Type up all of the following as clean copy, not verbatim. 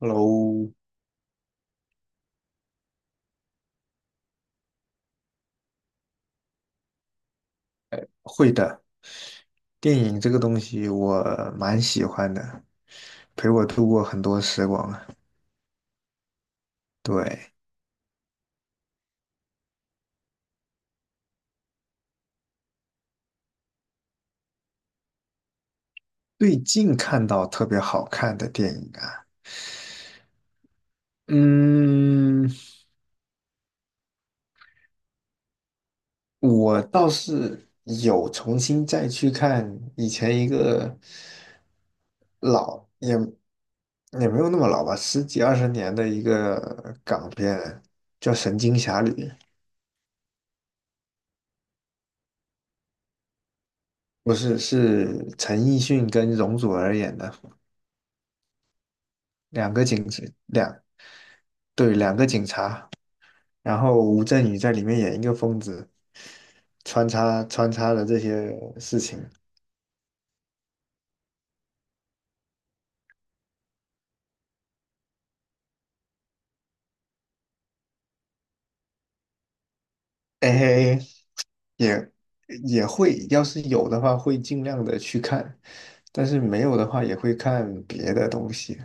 Hello，会的，电影这个东西我蛮喜欢的，陪我度过很多时光啊。对，最近看到特别好看的电影啊，嗯，我倒是有重新再去看以前一个老，也也没有那么老吧，十几二十年的一个港片，叫《神经侠侣》，不是，是陈奕迅跟容祖儿演的。两个警察，两，对，两个警察，然后吴镇宇在里面演一个疯子，穿插了这些事情。哎嘿嘿，也也会，要是有的话会尽量的去看，但是没有的话也会看别的东西。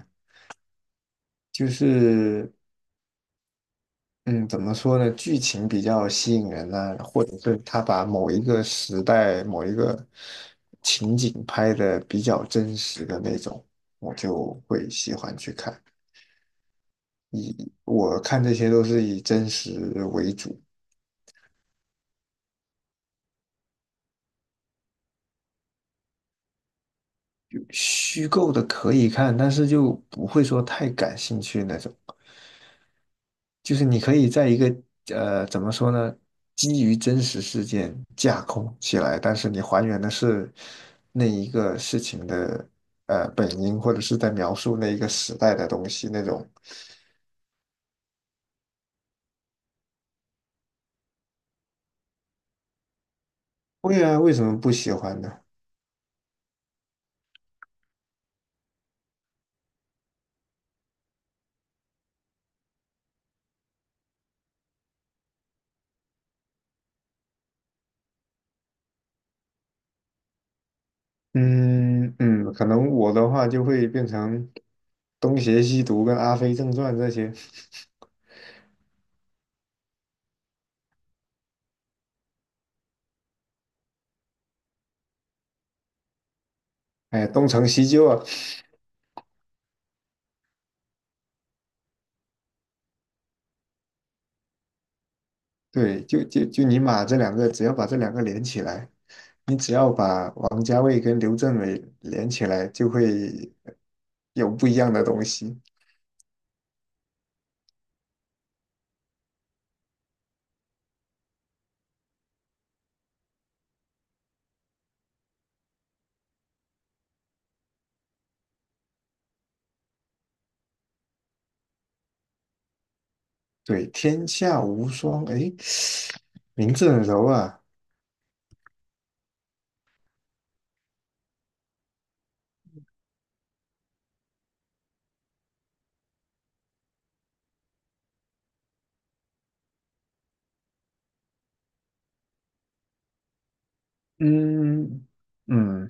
就是嗯，怎么说呢，剧情比较吸引人啊，或者是他把某一个时代某一个情景拍的比较真实的那种，我就会喜欢去看。我看这些都是以真实为主，虚构的可以看，但是就不会说太感兴趣那种。就是你可以在一个怎么说呢，基于真实事件架空起来，但是你还原的是那一个事情的本因，或者是在描述那一个时代的东西那种。会啊，为什么不喜欢呢？嗯嗯，可能我的话就会变成东邪西毒跟阿飞正传这些。哎，东成西就啊，对，就你把这两个，只要把这两个连起来，你只要把王家卫跟刘镇伟连起来，就会有不一样的东西。对，天下无双，哎，名字很柔啊。嗯嗯。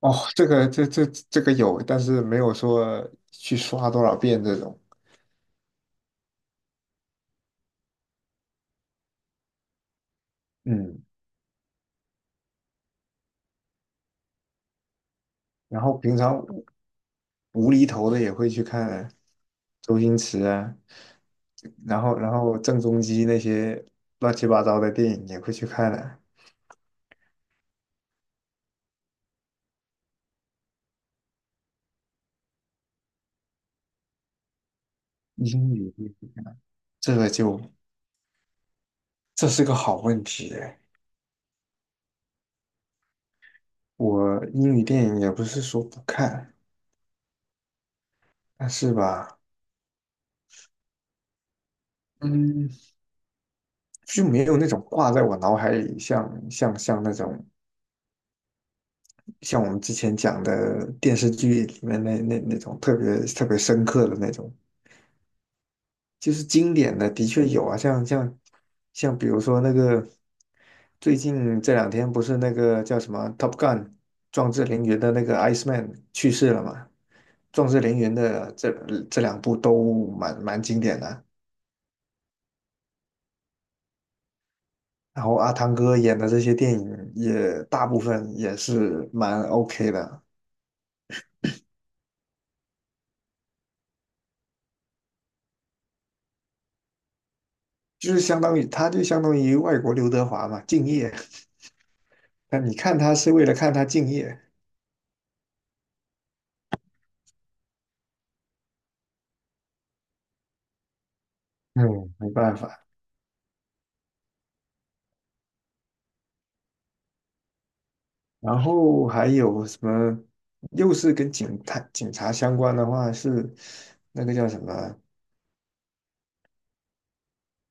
哦，这个有，但是没有说去刷多少遍这种。嗯，然后平常无厘头的也会去看周星驰啊。然后郑中基那些乱七八糟的电影也会去看的。英语这个就这是个好问题哎。我英语电影也不是说不看，但是吧，嗯，就没有那种挂在我脑海里像那种像我们之前讲的电视剧里面那种特别特别深刻的那种。就是经典的，的确有啊，像比如说那个最近这两天不是那个叫什么《Top Gun》壮志凌云的那个 Iceman 去世了嘛？壮志凌云的这两部都蛮经典的，然后阿汤哥演的这些电影也大部分也是蛮 OK 的，就是相当于他就相当于外国刘德华嘛，敬业。那你看他是为了看他敬业。嗯，没办法。然后还有什么，又是跟警探、警察相关的话，是那个叫什么？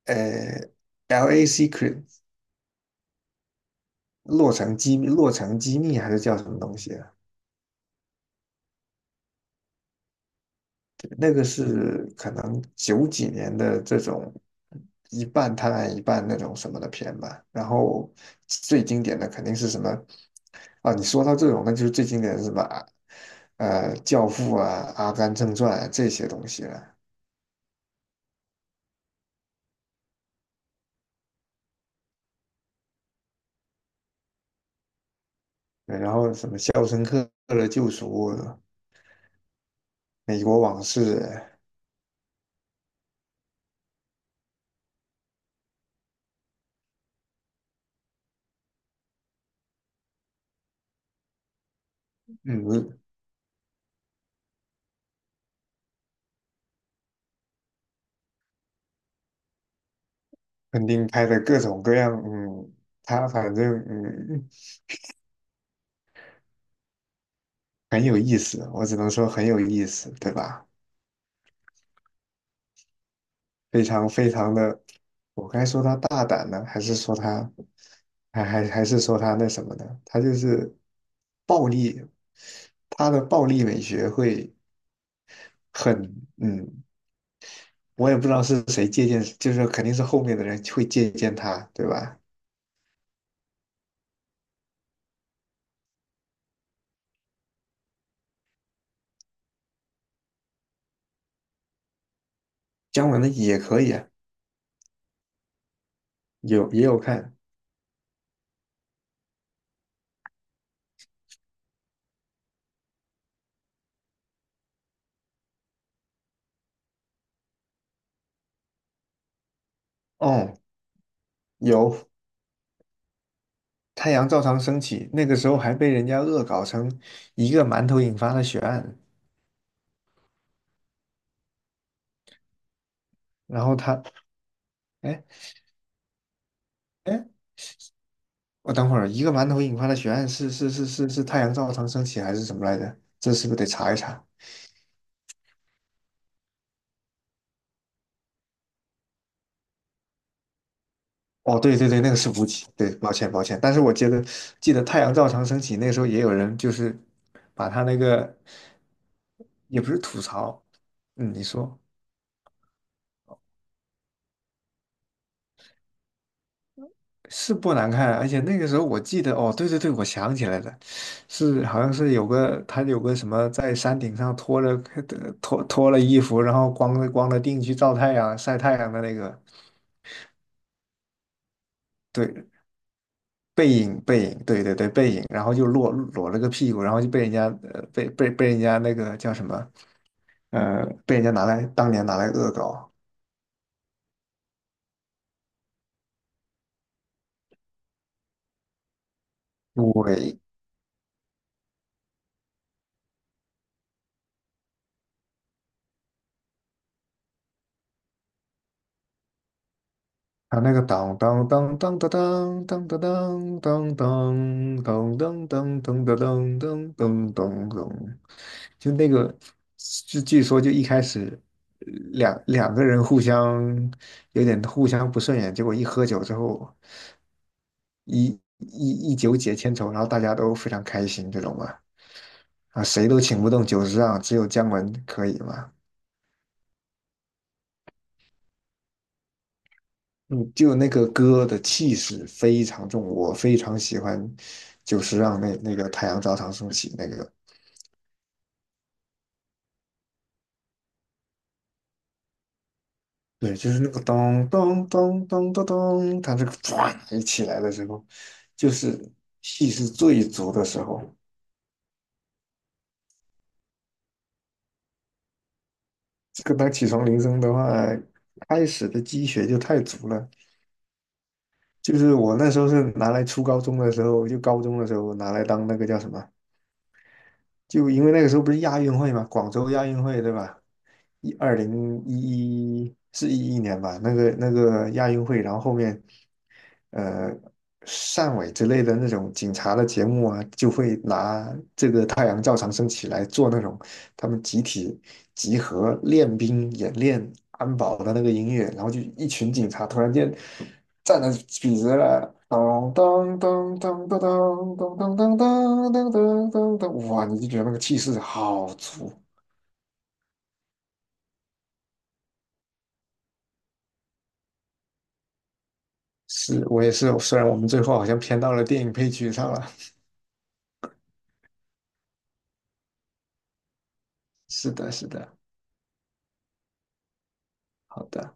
呃，L.A. Secret 落成机密，洛城机密还是叫什么东西啊？对，那个是可能九几年的这种一半探案一半那种什么的片吧。然后最经典的肯定是什么？啊，你说到这种，那就是最经典的是什么啊？《教父》啊，《阿甘正传》啊，这些东西了。对，然后什么《肖申克的救赎》《美国往事》。嗯，肯定拍的各种各样，他反正很有意思，我只能说很有意思，对吧？非常非常的，我该说他大胆呢，还是说他，还是说他那什么的？他就是暴力，他的暴力美学会很，嗯，我也不知道是谁借鉴，就是肯定是后面的人会借鉴他，对吧？姜文的也可以啊，有也有看。哦，有，太阳照常升起那个时候还被人家恶搞成一个馒头引发的血案。然后他，哎哎，我等会儿一个馒头引发的血案是太阳照常升起还是什么来着？这是不是得查一查？哦，对对对，那个是吴奇，对，抱歉抱歉，但是我记得太阳照常升起那时候也有人就是把他那个也不是吐槽。嗯，你说。是不难看，而且那个时候我记得，哦，对对对，我想起来了，是好像是有个他有个什么在山顶上脱了 脱了衣服，然后光着腚去照太阳晒太阳的那个，对，背影背影，对对对背影，然后就裸了个屁股，然后就被人家被人家那个叫什么被人家拿来当年拿来恶搞。对，他那个当当当当当当当当当当当当当当当当当当当当，就那个，就据说就一开始两个人互相有点互相不顺眼，结果一喝酒之后一一酒解千愁，然后大家都非常开心这种嘛。啊，谁都请不动酒桌上，只有姜文可以嘛。嗯，就那个歌的气势非常重，我非常喜欢就是让那个《太阳照常升起》那个，对，就是那个咚咚咚咚咚咚，它这个唰一起来的时候，就是气势最足的时候。这个当起床铃声的话，开始的积雪就太足了。就是我那时候是拿来初高中的时候，就高中的时候拿来当那个叫什么，就因为那个时候不是亚运会嘛，广州亚运会对吧？2011是11年吧，那个那个亚运会，然后后面，呃，汕尾之类的那种警察的节目啊，就会拿这个太阳照常升起来做那种他们集体集合练兵演练安保的那个音乐，然后就一群警察突然间。站得笔直了。当当当当当当当当当当当当当当，哇！你就觉得那个气势好足。是我也是，虽然我们最后好像偏到了电影配角上了。是的，是的。好的。